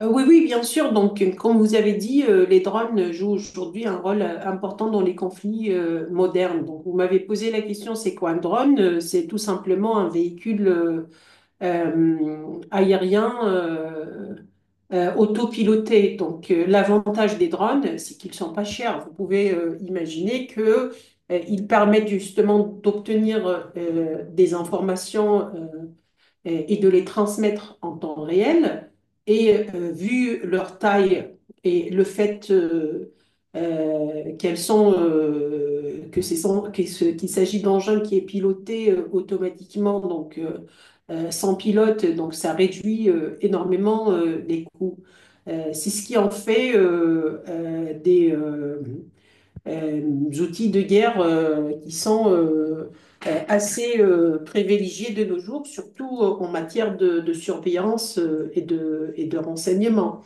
Oui, oui, bien sûr. Donc, comme vous avez dit, les drones jouent aujourd'hui un rôle important dans les conflits modernes. Donc, vous m'avez posé la question, c'est quoi un drone? C'est tout simplement un véhicule aérien autopiloté. Donc, l'avantage des drones, c'est qu'ils sont pas chers. Vous pouvez imaginer que ils permettent justement d'obtenir des informations et de les transmettre en temps réel. Et vu leur taille et le fait qu'elles sont, que c'est sans- que ce- qu'il s'agit d'engins qui est piloté automatiquement, donc sans pilote, donc ça réduit énormément les coûts. C'est ce qui en fait euh, outils de guerre qui sont assez privilégiés de nos jours, surtout en matière de surveillance et de renseignement.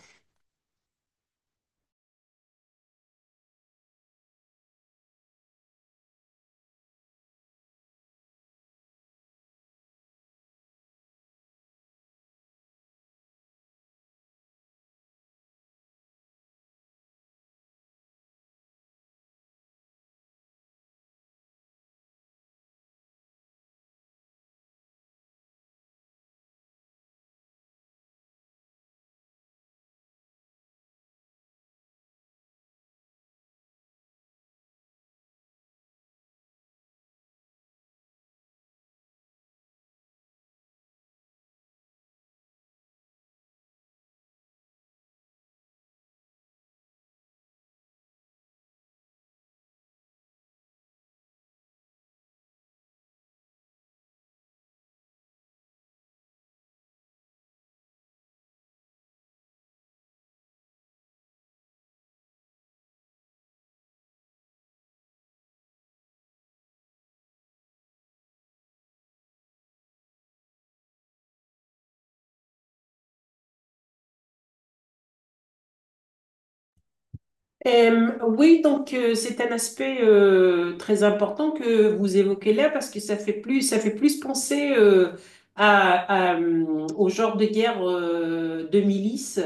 Oui, donc c'est un aspect très important que vous évoquez là parce que ça fait plus penser à, à, euh, au genre de guerre de milice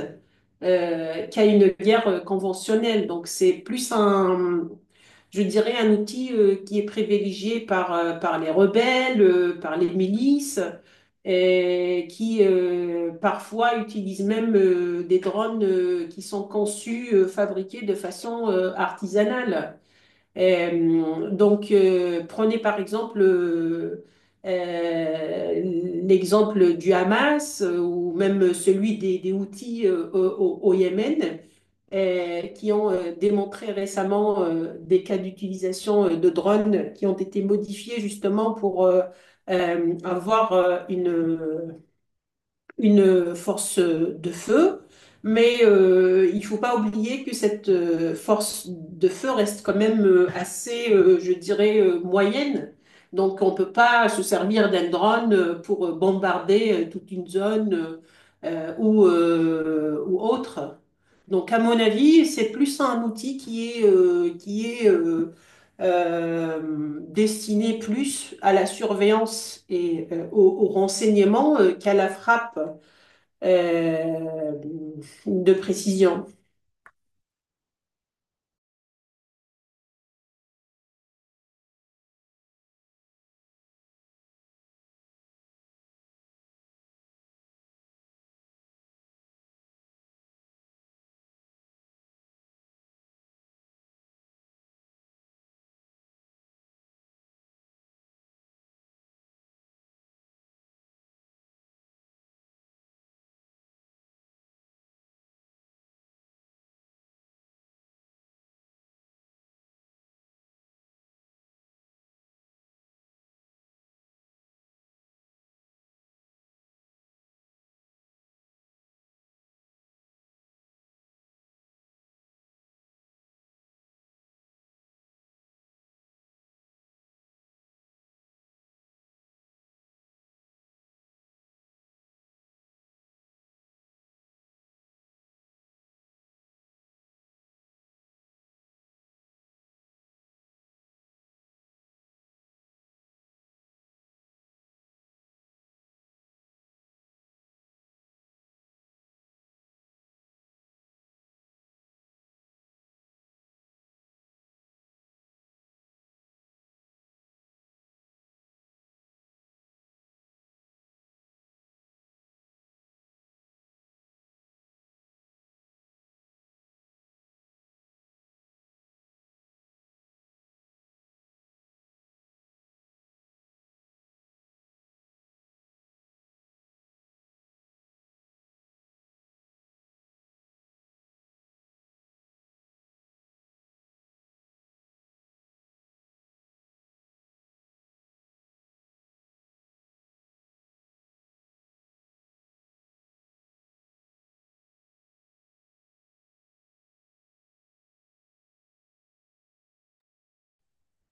qu'à une guerre conventionnelle. Donc c'est plus un, je dirais, un outil qui est privilégié par les rebelles, par les milices, et qui parfois utilisent même des drones qui sont fabriqués de façon artisanale. Prenez par exemple euh, l'exemple du Hamas ou même celui des Houthis au Yémen qui ont démontré récemment des cas d'utilisation de drones qui ont été modifiés justement pour avoir une force de feu, mais il faut pas oublier que cette force de feu reste quand même je dirais, moyenne. Donc on peut pas se servir d'un drone pour bombarder toute une zone ou autre. Donc à mon avis, c'est plus un outil qui est destiné plus à la surveillance et au renseignement qu'à la frappe euh, de précision.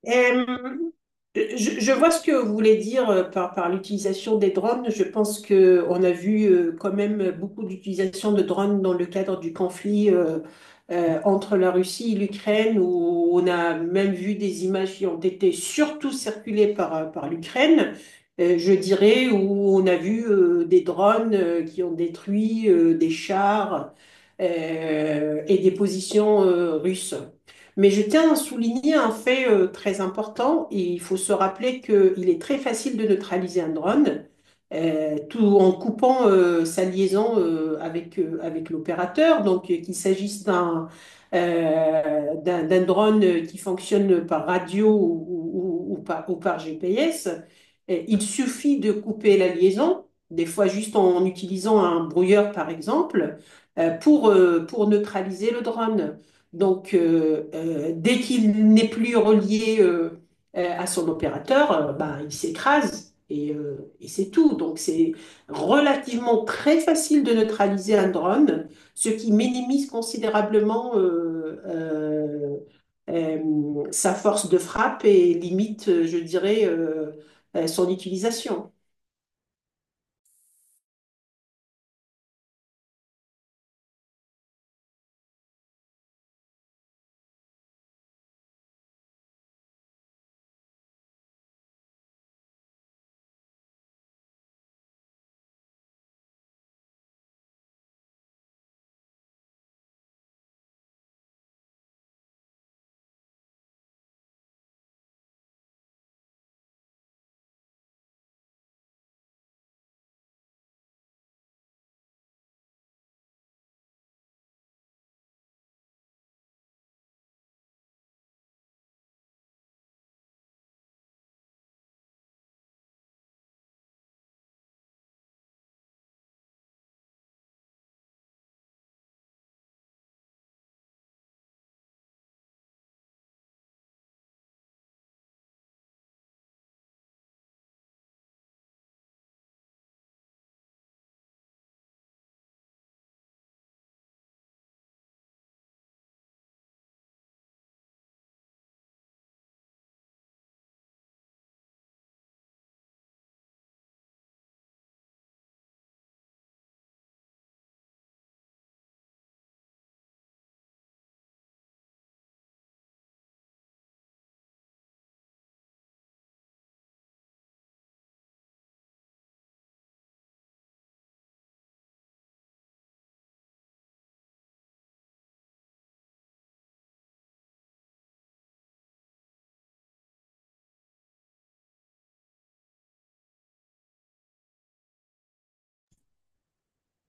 Euh, je vois ce que vous voulez dire par l'utilisation des drones. Je pense que on a vu quand même beaucoup d'utilisation de drones dans le cadre du conflit entre la Russie et l'Ukraine, où on a même vu des images qui ont été surtout circulées par l'Ukraine, je dirais, où on a vu des drones qui ont détruit des chars et des positions russes. Mais je tiens à souligner un fait très important et il faut se rappeler qu'il est très facile de neutraliser un drone tout en coupant sa liaison avec l'opérateur. Donc, qu'il s'agisse d'un drone qui fonctionne par radio ou par GPS, il suffit de couper la liaison, des fois juste en utilisant un brouilleur, par exemple, pour neutraliser le drone. Donc, dès qu'il n'est plus relié à son opérateur, bah, il s'écrase et c'est tout. Donc c'est relativement très facile de neutraliser un drone, ce qui minimise considérablement sa force de frappe et limite, je dirais, son utilisation.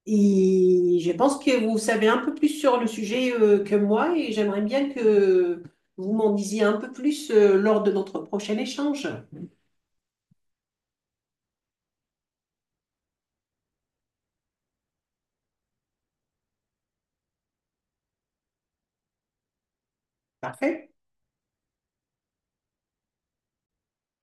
Et je pense que vous savez un peu plus sur le sujet que moi et j'aimerais bien que vous m'en disiez un peu plus lors de notre prochain échange. Parfait.